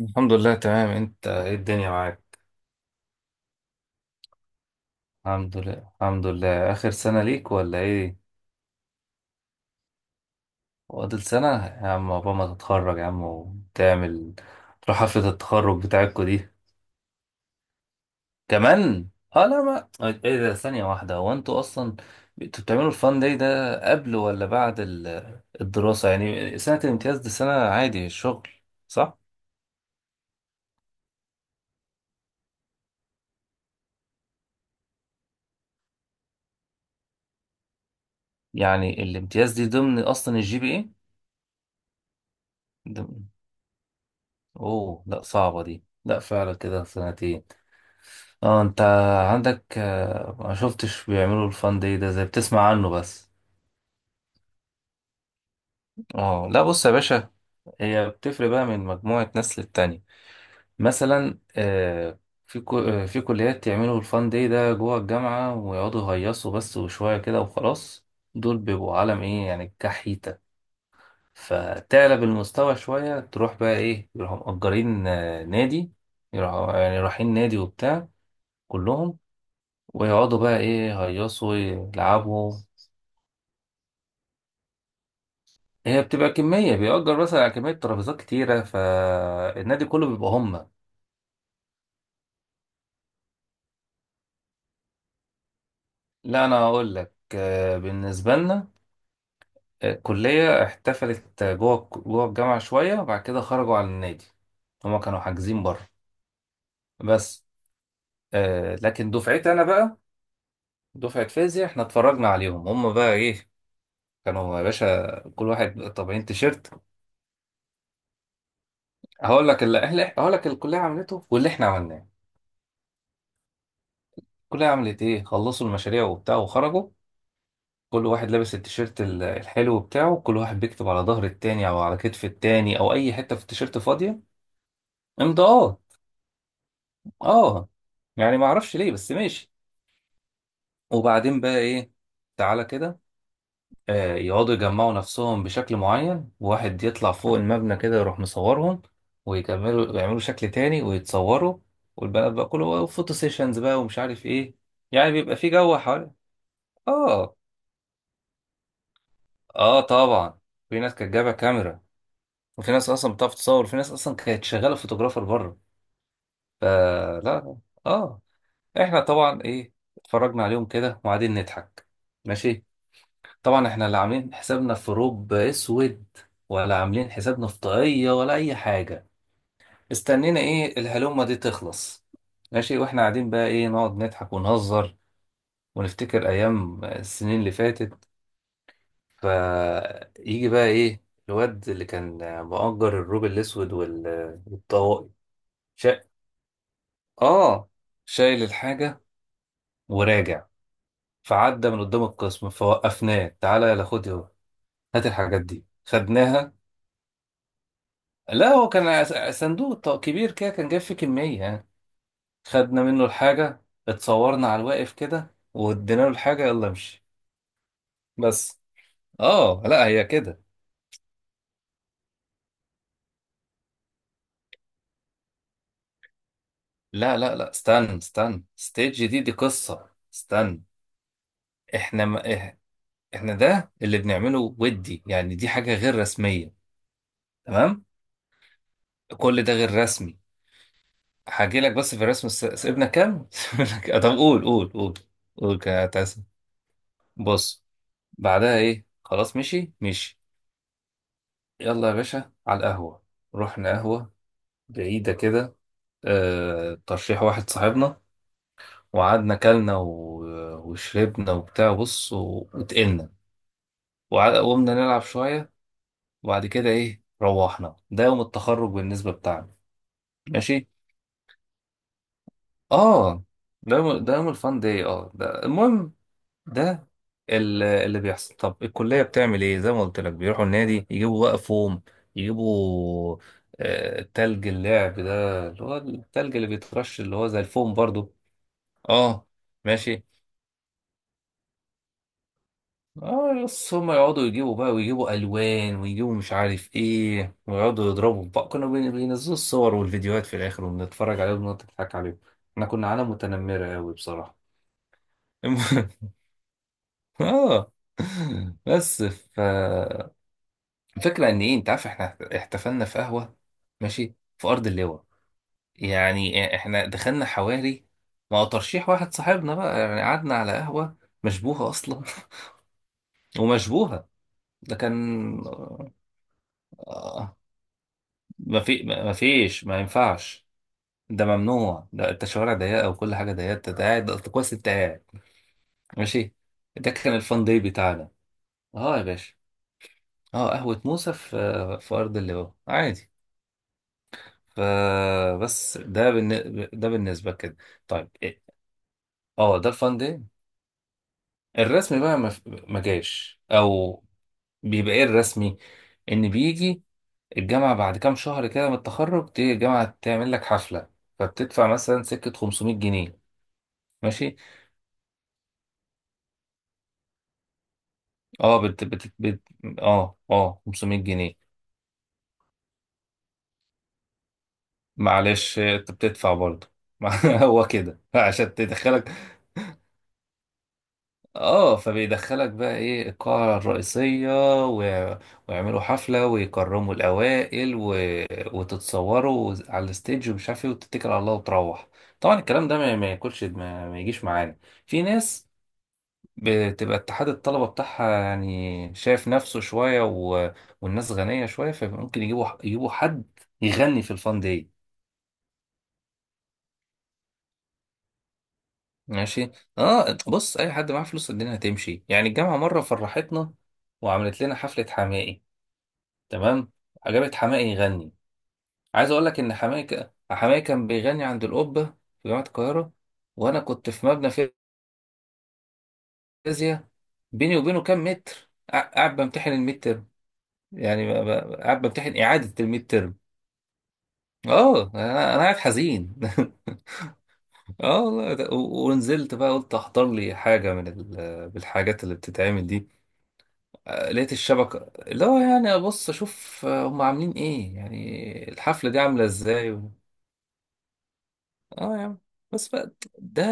الحمد لله، تمام. انت ايه الدنيا معاك؟ الحمد لله الحمد لله. اخر سنة ليك ولا ايه؟ فاضل سنة يا عم، عقبال ما تتخرج يا عم وتعمل تروح حفلة التخرج بتاعتكوا دي كمان. اه لا ما ايه ده؟ ثانية واحدة، هو انتوا اصلا انتوا بتعملوا الفان داي ده قبل ولا بعد الدراسة؟ يعني سنة الامتياز دي سنة عادي الشغل، صح؟ يعني الامتياز دي ضمن اصلا الجي بي ايه؟ ضمن- اوه لا، صعبة دي، لا فعلا كده سنتين. اه انت عندك ما شفتش بيعملوا الفان داي ده، زي بتسمع عنه بس. اه لا، بص يا باشا، هي بتفرق بقى من مجموعة ناس للتانية. مثلا في في كليات يعملوا الفان داي ده جوه الجامعة ويقعدوا يهيصوا بس وشوية كده وخلاص. دول بيبقوا عالم ايه يعني، كحيتة. فتعلى بالمستوى شوية تروح بقى ايه، يروحوا مأجرين نادي، يروحوا يعني رايحين نادي وبتاع كلهم، ويقعدوا بقى ايه يهيصوا يلعبوا. هي بتبقى كمية، بيأجر مثلا على كمية ترابيزات كتيرة، فالنادي كله بيبقى هم. لا، أنا هقول لك بالنسبة لنا الكلية احتفلت جوه جوه الجامعة شوية وبعد كده خرجوا على النادي. هما كانوا حاجزين بره بس. لكن دفعتي أنا بقى، دفعة فيزياء، احنا اتفرجنا عليهم هما بقى إيه. كانوا يا باشا كل واحد طابعين تيشيرت. هقول لك اللي هقول لك، الكلية عملته واللي احنا عملناه. الكلية عملت إيه؟ خلصوا المشاريع وبتاع وخرجوا، كل واحد لابس التيشيرت الحلو بتاعه، كل واحد بيكتب على ظهر التاني او على كتف التاني او اي حته في التيشيرت فاضيه، امضاءات. اه يعني ما اعرفش ليه بس ماشي. وبعدين بقى ايه، تعالى كده، آه يقعدوا يجمعوا نفسهم بشكل معين، واحد يطلع فوق المبنى كده يروح مصورهم، ويكملوا يعملوا شكل تاني ويتصوروا. والبنات بقى كله فوتو سيشنز بقى ومش عارف ايه. يعني بيبقى في جو حوالي. اه اه طبعا، في ناس كانت جايبه كاميرا، وفي ناس اصلا بتعرف تصور، وفي ناس اصلا كانت شغاله فوتوغرافر بره. فلا لا. اه، احنا طبعا ايه اتفرجنا عليهم كده وقاعدين نضحك. ماشي. طبعا احنا لا عاملين حسابنا في روب اسود ولا عاملين حسابنا في طاقيه ولا اي حاجه. استنينا ايه الهلومه دي تخلص، ماشي، واحنا قاعدين بقى ايه نقعد نضحك ونهزر ونفتكر ايام السنين اللي فاتت. فيجي بقى ايه، الواد اللي كان مؤجر الروب الاسود والطواقي، اه، شايل الحاجة وراجع. فعدى من قدام القسم فوقفناه، تعالى يلا خد اهو، هات الحاجات دي. خدناها. لا، هو كان صندوق كبير كده، كان جاب فيه كمية يعني. خدنا منه الحاجة، اتصورنا على الواقف كده وادينا له الحاجة، يلا امشي. بس. اه لا هي كده. لا لا لا، استنى استنى، ستيج دي دي قصة، استنى. احنا ما إح- احنا ده اللي بنعمله، ودي يعني دي حاجة غير رسمية، تمام؟ كل ده غير رسمي. هاجي لك بس في الرسم سيبنا كام؟ سيبنا كام؟ طب قول قول قول. قول كتاسم. بص، بعدها ايه؟ خلاص، مشي مشي. يلا يا باشا على القهوة. رحنا قهوة بعيدة كده، آه ترشيح واحد صاحبنا، وقعدنا كلنا وشربنا وبتاع بص وتقلنا وقمنا نلعب شوية. وبعد كده ايه؟ روحنا. ده يوم التخرج بالنسبة بتاعنا، ماشي؟ اه، ده يوم ده يوم الفان داي، اه ده المهم. ده اللي بيحصل. طب الكلية بتعمل ايه؟ زي ما قلت لك، بيروحوا النادي، يجيبوا بقى فوم، يجيبوا تلج اللعب ده اللي هو التلج اللي بيترش اللي هو زي الفوم برضو. اه ماشي. اه، بس هم يقعدوا يجيبوا بقى ويجيبوا الوان ويجيبوا مش عارف ايه ويقعدوا يضربوا في بعض، كانوا بينزلوا الصور والفيديوهات في الاخر، وبنتفرج عليهم ونضحك عليهم. احنا كنا عالم متنمرة قوي بصراحة. المهم، اه بس ف، الفكرة ان ايه، انت عارف احنا احتفلنا في قهوة، ماشي، في ارض اللواء. يعني احنا دخلنا حواري، ما هو ترشيح واحد صاحبنا بقى، يعني قعدنا على قهوة مشبوهة اصلا. ومشبوهة. ده كان. آه، ما في ما فيش ما ينفعش، ده ممنوع، ده انت شوارع ضيقة وكل حاجة ضيقة، انت قاعد، أنت كويس، انت قاعد. ماشي. ده كان الفان داي بتاعنا، اه يا باشا. اه قهوة موسى في في ارض اللواء، عادي. فبس ده بالن... ده بالنسبة كده. طيب إيه؟ اه ده الفان الرسمي بقى ما... ما جاش او بيبقى ايه الرسمي، ان بيجي الجامعة بعد كام شهر كده من التخرج، تيجي الجامعة تعمل لك حفلة، فبتدفع مثلا سكة 500 جنيه، ماشي. اه اه اه 500 جنيه. معلش انت بتدفع برضه. هو كده عشان تدخلك. اه، فبيدخلك بقى ايه القاعة الرئيسية و... ويعملوا حفلة ويكرموا الأوائل و... وتتصوروا على الستيج ومش عارف ايه وتتكل على الله وتروح. طبعا الكلام ده ما ياكلش ما... ما يجيش معانا. في ناس بتبقى اتحاد الطلبة بتاعها يعني شايف نفسه شوية و... والناس غنية شوية، فممكن يجيبوا حد يغني في الفان داي. ماشي. اه بص، اي حد معاه فلوس الدنيا هتمشي. يعني الجامعة مرة فرحتنا وعملت لنا حفلة حماقي، تمام، جابت حماقي يغني. عايز اقول لك ان حماقي حماقي كان بيغني عند القبه في جامعه القاهره، وانا كنت في مبنى فيزياء، بيني وبينه كام متر، قاعد بمتحن الميد ترم، يعني قاعد بمتحن اعاده الميد ترم. اه، انا أنا قاعد حزين. اه والله، ونزلت بقى قلت احضر لي حاجه من بالحاجات اللي بتتعمل دي. لقيت الشبكه اللي هو يعني ابص اشوف هم عاملين ايه، يعني الحفله دي عامله ازاي. اه يا عم. بس بقى، ده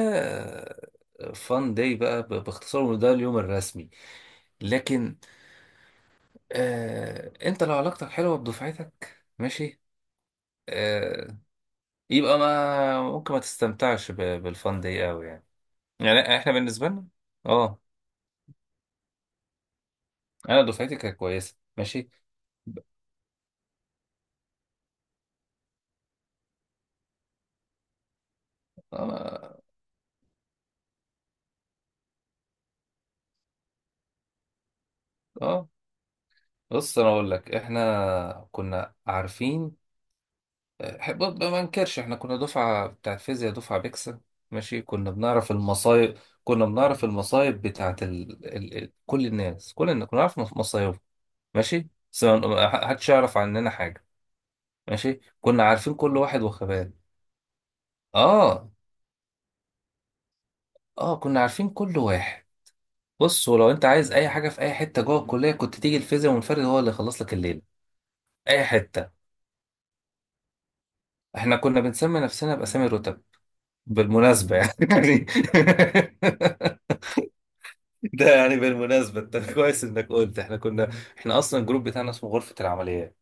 فان داي بقى باختصار، وده اليوم الرسمي. لكن انت لو علاقتك حلوه بدفعتك ماشي، آه يبقى ما ممكن ما تستمتعش ب-، بالفان داي قوي يعني. يعني احنا بالنسبه لنا. اه، انا دفعتي كانت كويسه ماشي. اه. آه. بص انا اقول لك، احنا كنا عارفين برضه، ما انكرش، احنا كنا دفعة بتاع فيزياء، دفعة بيكسل، ماشي. كنا بنعرف المصايب. كنا بنعرف المصايب بتاعت ال... ال... ال... كل الناس، كل الناس كنا نعرف مصايبهم. ماشي، بس ما حدش يعرف عننا حاجة. ماشي، كنا عارفين كل واحد وخباله. اه اه، كنا عارفين كل واحد. بص ولو انت عايز اي حاجة في اي حتة جوه الكلية كنت تيجي الفيزياء منفرد هو اللي يخلص لك الليل. اي حتة. احنا كنا بنسمي نفسنا باسامي الرتب بالمناسبة يعني. ده يعني بالمناسبة انت كويس انك قلت احنا كنا. احنا اصلا الجروب بتاعنا اسمه غرفة العمليات.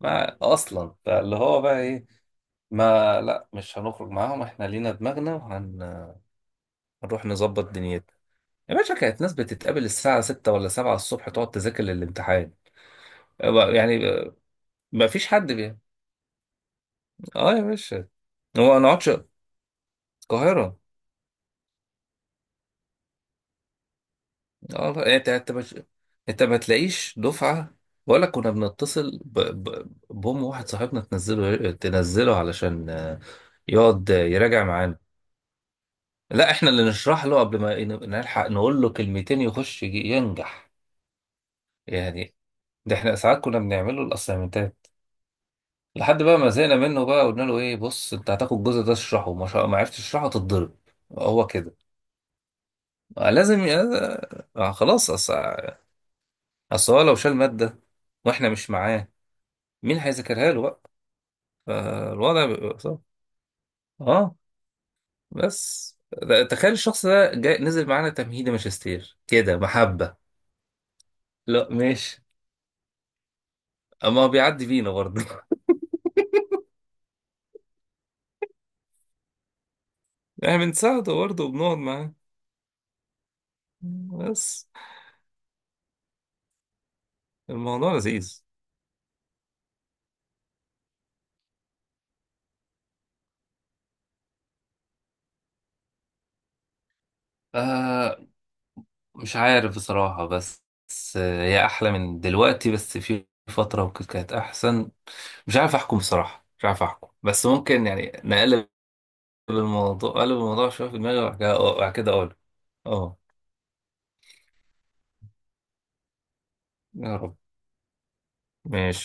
ما اصلا فاللي هو بقى ايه، ما لا مش هنخرج معاهم، احنا لينا دماغنا وهنروح نظبط دنيتنا. يا باشا كانت ناس بتتقابل الساعة 6 ولا 7 الصبح، تقعد تذاكر للامتحان، يعني ما فيش حد بيه. اه يا باشا. هو ما نقعدش. القاهرة. اه لا، انت انت مش، انت ما تلاقيش دفعه. ولا كنا بنتصل بام واحد صاحبنا تنزله تنزله علشان يقعد يراجع معانا. لا، احنا اللي نشرح له، قبل ما نلحق نقول له كلمتين يخش ينجح يعني. ده احنا ساعات كنا بنعمل له الاسايمنتات، لحد بقى ما زهقنا منه بقى، قلنا له ايه، بص انت هتاخد الجزء ده تشرحه، ما عرفتش تشرحه تتضرب. هو كده. آه، لازم ي- خلاص اصل. أصل هو لو شال ماده واحنا مش معاه، مين هيذاكرها له بقى، فالوضع بيبقى صعب. اه بس. تخيل الشخص ده جاي نزل معانا تمهيدي ماجستير كده محبة. لا ماشي، اما هو بيعدي بينا برضه. يعني بنساعده برضه وبنقعد معاه، بس الموضوع لذيذ. آه مش عارف بصراحة، بس بس هي أحلى من دلوقتي، بس في فترة وكده كانت أحسن. مش عارف أحكم بصراحة، مش عارف أحكم، بس ممكن يعني نقلب الموضوع، أقلب الموضوع شوية في دماغي وبعد كده وبعد كده أقول. اه يا رب، ماشي